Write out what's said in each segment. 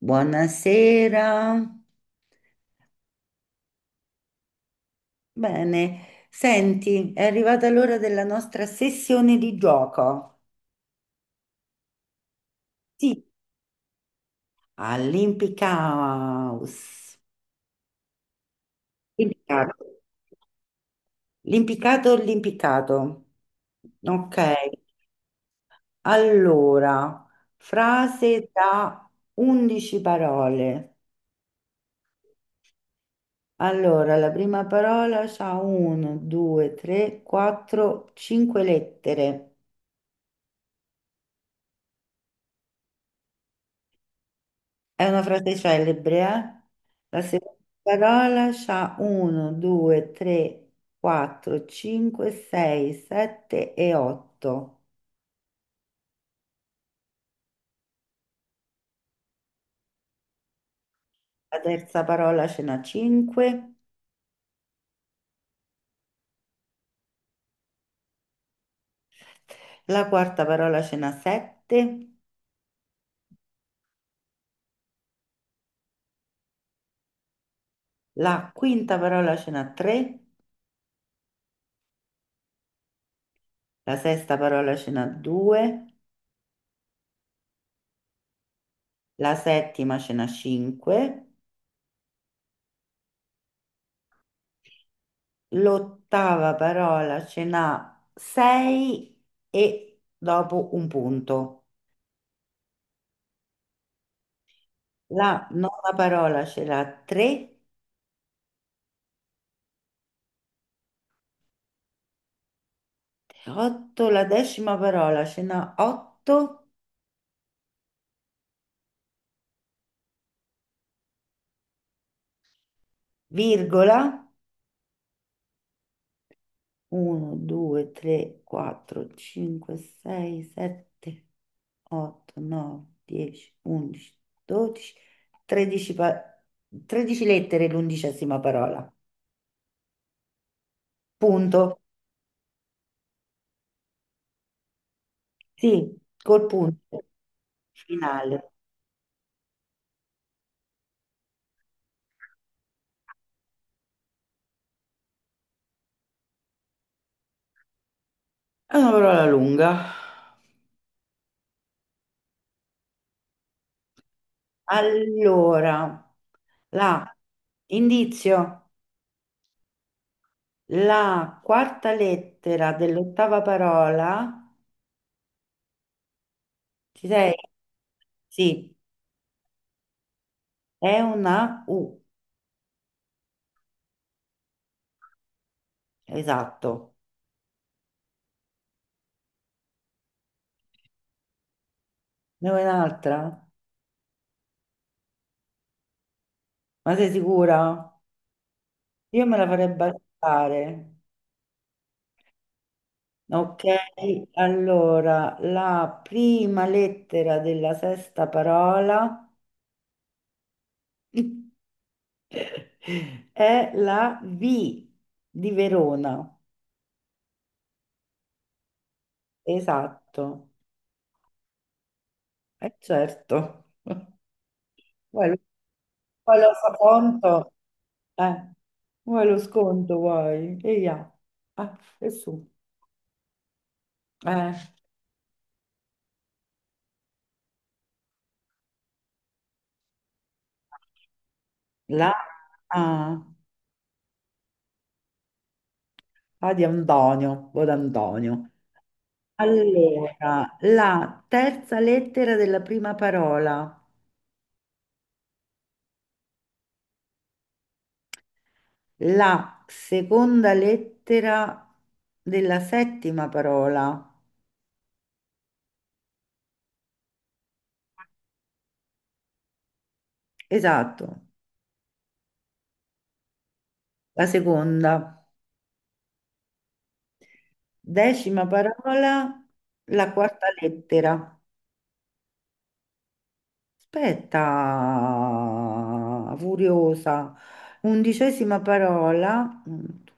Buonasera. Bene, senti, è arrivata l'ora della nostra sessione di gioco. Sì, all'impiccaus. Impiccato. L'impiccato, l'impiccato. Ok, allora, frase da 11 parole. Allora, la prima parola ha 1, 2, 3, 4, 5 lettere. È una frase celebre, eh? La seconda parola c'ha 1, 2, 3, 4, 5, 6, 7 e 8. La terza parola ce n'ha 5, la quarta parola ce n'ha 7, la quinta parola ce n'ha 3, la sesta parola ce n'ha 2, la settima ce n'ha 5, l'ottava parola ce n'ha 6 e dopo un punto. La nona parola ce l'ha 3, 8, la decima parola ce n'ha 8, virgola, 1, 2, 3, 4, 5, 6, 7, 8, 9, 10, 11, 12, 13, 13 lettere l'undicesima parola. Punto. Sì, col punto finale. È una parola lunga. Allora, la indizio. La quarta lettera dell'ottava parola, ci sei? Sì, è una U, esatto. Ne vuoi un'altra? Ma sei sicura? Io me la farei bastare. Ok, allora, la prima lettera della sesta parola è la V di Verona. Esatto, è certo. Vuoi lo, vuoi lo sconto? Eh, vuoi lo sconto, vuoi? E ia. Ah, e su. Eh, la A, A di Antonio, o d'Antonio. Allora, la terza lettera della prima parola, la seconda lettera della settima parola, esatto, la seconda, decima parola, la quarta lettera. Aspetta, furiosa. Undicesima parola. Uno, due,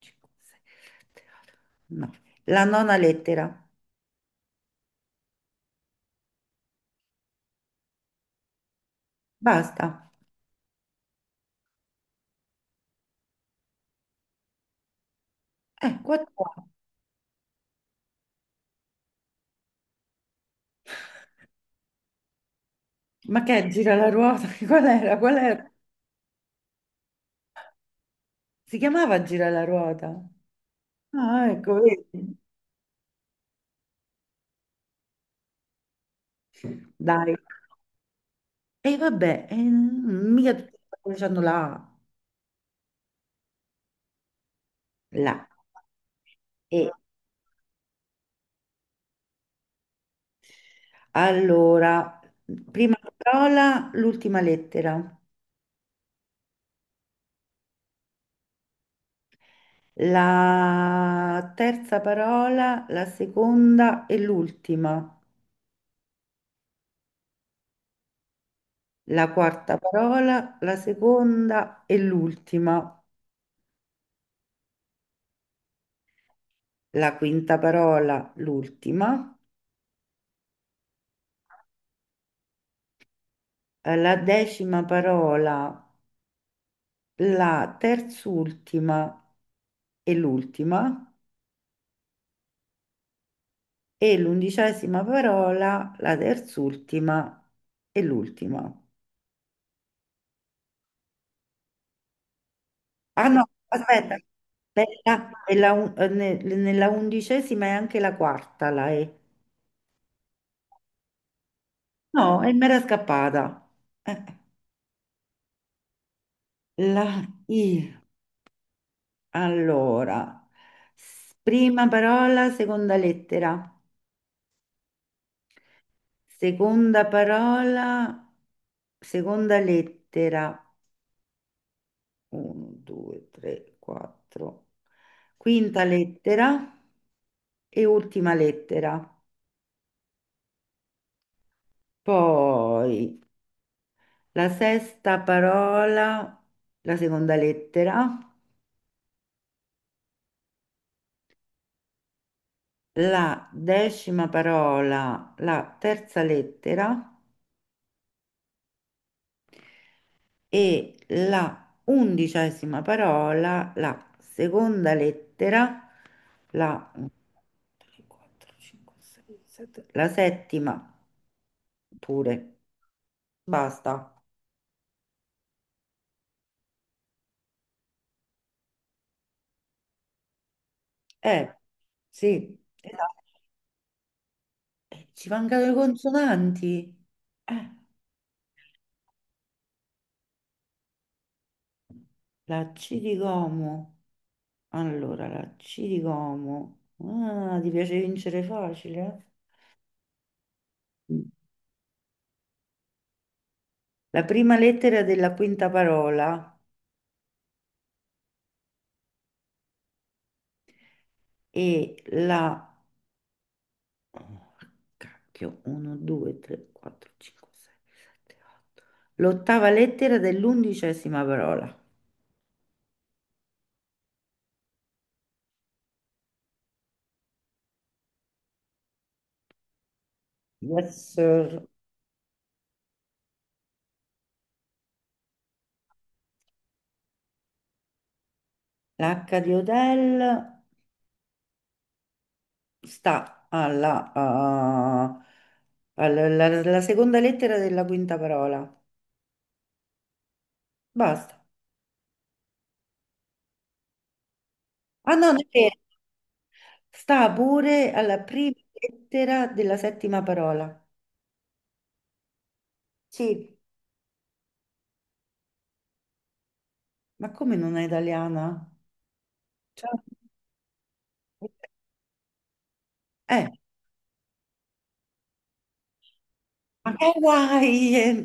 cinque, sei, sette, otto, nove. La nona lettera. Basta. Quattro. Ma che è gira la ruota? Qual era? Qual era? Si chiamava gira la ruota. Ah, ecco, vedi. Dai. E vabbè, mica tutti hanno la A. La. E allora, prima parola, l'ultima lettera. La terza parola, la seconda e l'ultima. La quarta parola, la seconda e l'ultima. La quinta parola, l'ultima. La decima parola, la terzultima e l'ultima. E l'undicesima parola, la terzultima e l'ultima. Ah no, aspetta, nella undicesima è anche la quarta, la E. No, e mi era scappata. Eh, la I. Allora, prima parola, seconda lettera. Seconda parola, seconda lettera. 1, 2, 3, 4. Quinta lettera e ultima lettera. Poi la sesta parola, la seconda lettera. La decima parola, la terza lettera e la undicesima parola, la seconda lettera, un, tre, quattro, cinque, sei, sette, la settima pure. Basta. Eh, sì, esatto. Ci mancano le consonanti. Eh, la C di Como. Allora, la C di Como. Ah, ti piace vincere facile? Eh? La prima lettera della quinta parola è la. Oh, cacchio, 1, 2, 3, 4, 5, 6, 7, 8. L'ottava lettera dell'undicesima parola. Yes, sir. L'H di Odell sta alla, ah, alla, alla- alla seconda lettera della quinta parola. Basta. Ah no, non è vero. Sta pure alla prima lettera della settima parola. Sì, ma come non è italiana? Cioè, eh, ma che guai?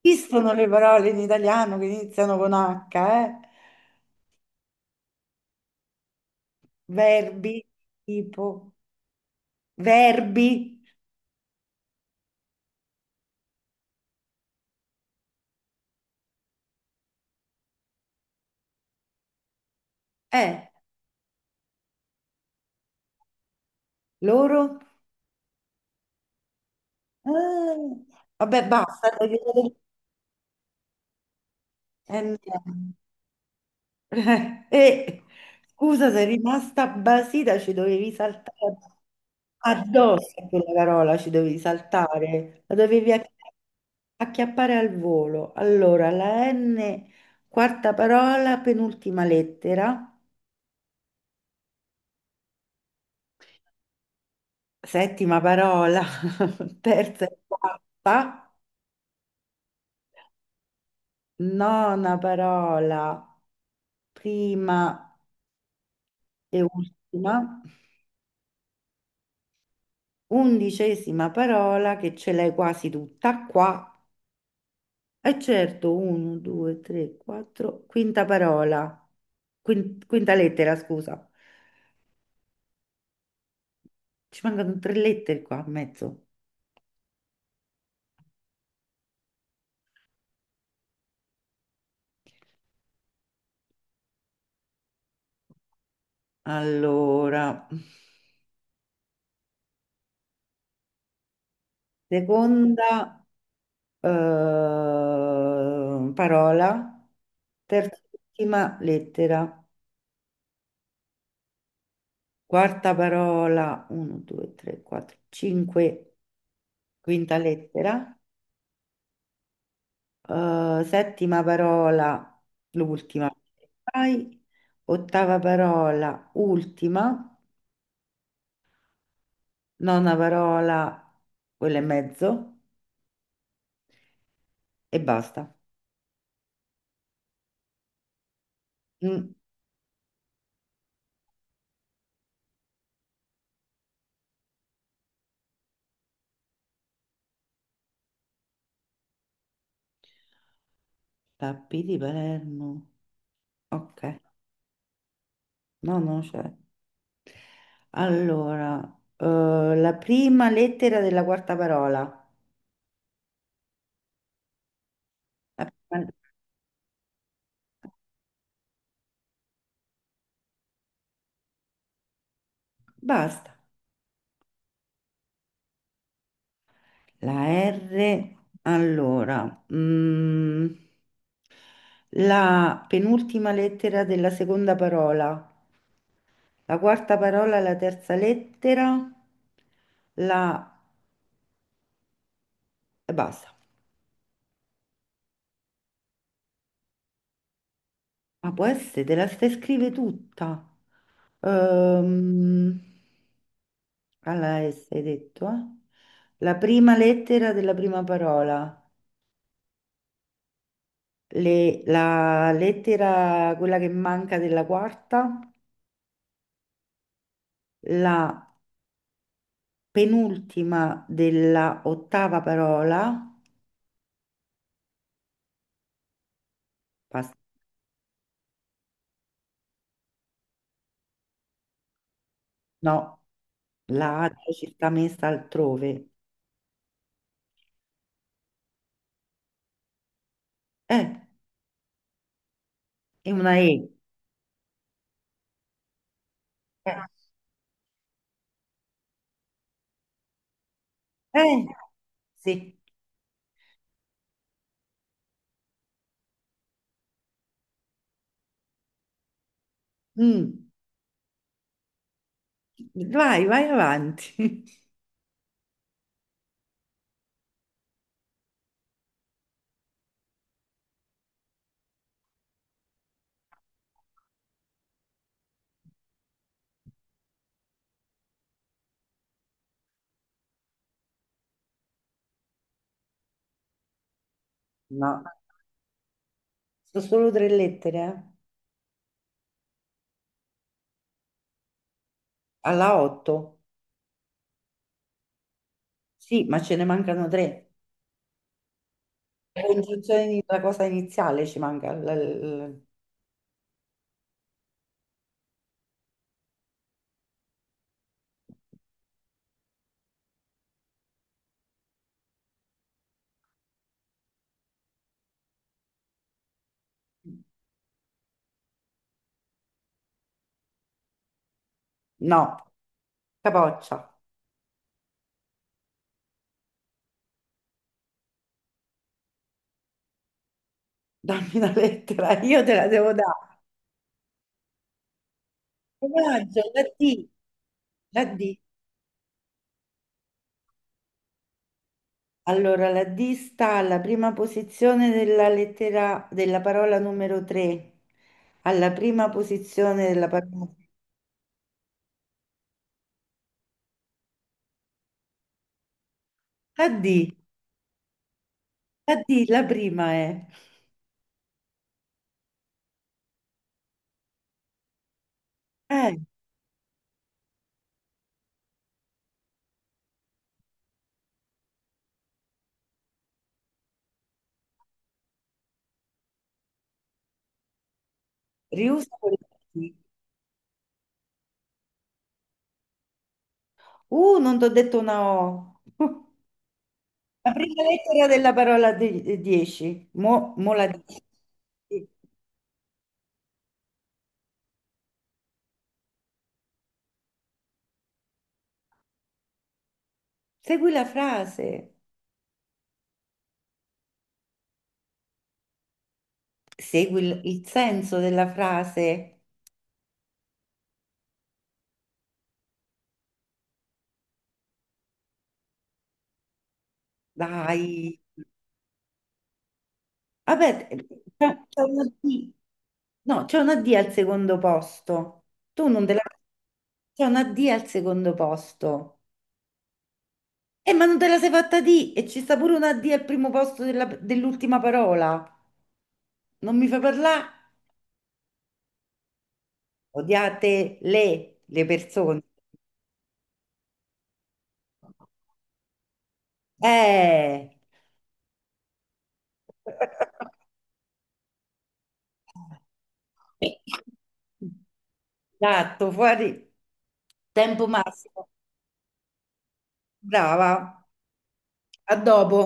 Esistono le parole in italiano che iniziano con H, eh? Verbi, tipo, verbi, eh, loro? Ah, vabbè, basta. Dai, dai, dai. Eh, no. E scusa, sei rimasta basita, ci dovevi saltare addosso a quella parola, ci dovevi saltare, la dovevi acchiappare al volo. Allora, la N, quarta parola, penultima lettera, settima parola, terza e quarta, nona parola, prima e ultima, undicesima parola che ce l'hai quasi tutta qua. Eh certo, 1, 2, 3, 4, quinta parola, quinta lettera, scusa. Ci mancano tre lettere qua a mezzo. Allora, seconda parola, terz'ultima lettera, quarta parola, 1, 2, 3, 4, 5, quinta lettera, settima parola, l'ultima. Vai. Ottava parola, ultima. Nona parola, quella e mezzo. E basta. Mm, Tappi di Palermo. Ok, no, no, c'è. Allora, eh, la prima lettera della quarta parola. La prima- Basta. La R, allora, la penultima lettera della seconda parola, la quarta parola, la terza lettera, la... e basta. Ma può essere, te la stai scrive tutta. Ehm, alla S hai detto, eh? La prima lettera della prima parola, la lettera, quella che manca della quarta, la penultima della ottava parola, pas- no, la A ci sta messa altrove, eh, è una E, eh, eh, sì, Mm. Vai, vai avanti. No, sono solo tre lettere, eh. Alla 8, sì, ma ce ne mancano tre. La cosa iniziale ci manca, l- no, capoccia, dammi una lettera, io te la devo dare. Coraggio, la D. Allora, la D sta alla prima posizione della lettera della parola numero 3, alla prima posizione della parola. La D, la D, la prima è. Eh, riusa quella D. Non ti ho detto una O. La prima lettera della parola 10. Mo, mo la dici. Sì. Segui la frase, segui il senso della frase. Dai. Vabbè, c'è una D. No, c'è una D al secondo posto. Tu non te la. C'è una D al secondo posto. Ma non te la sei fatta D e ci sta pure una D al primo posto dell'ultima parola. Non mi fai parlare? Odiate le persone. Eh. Esatto, fuori tempo massimo. Brava. A dopo.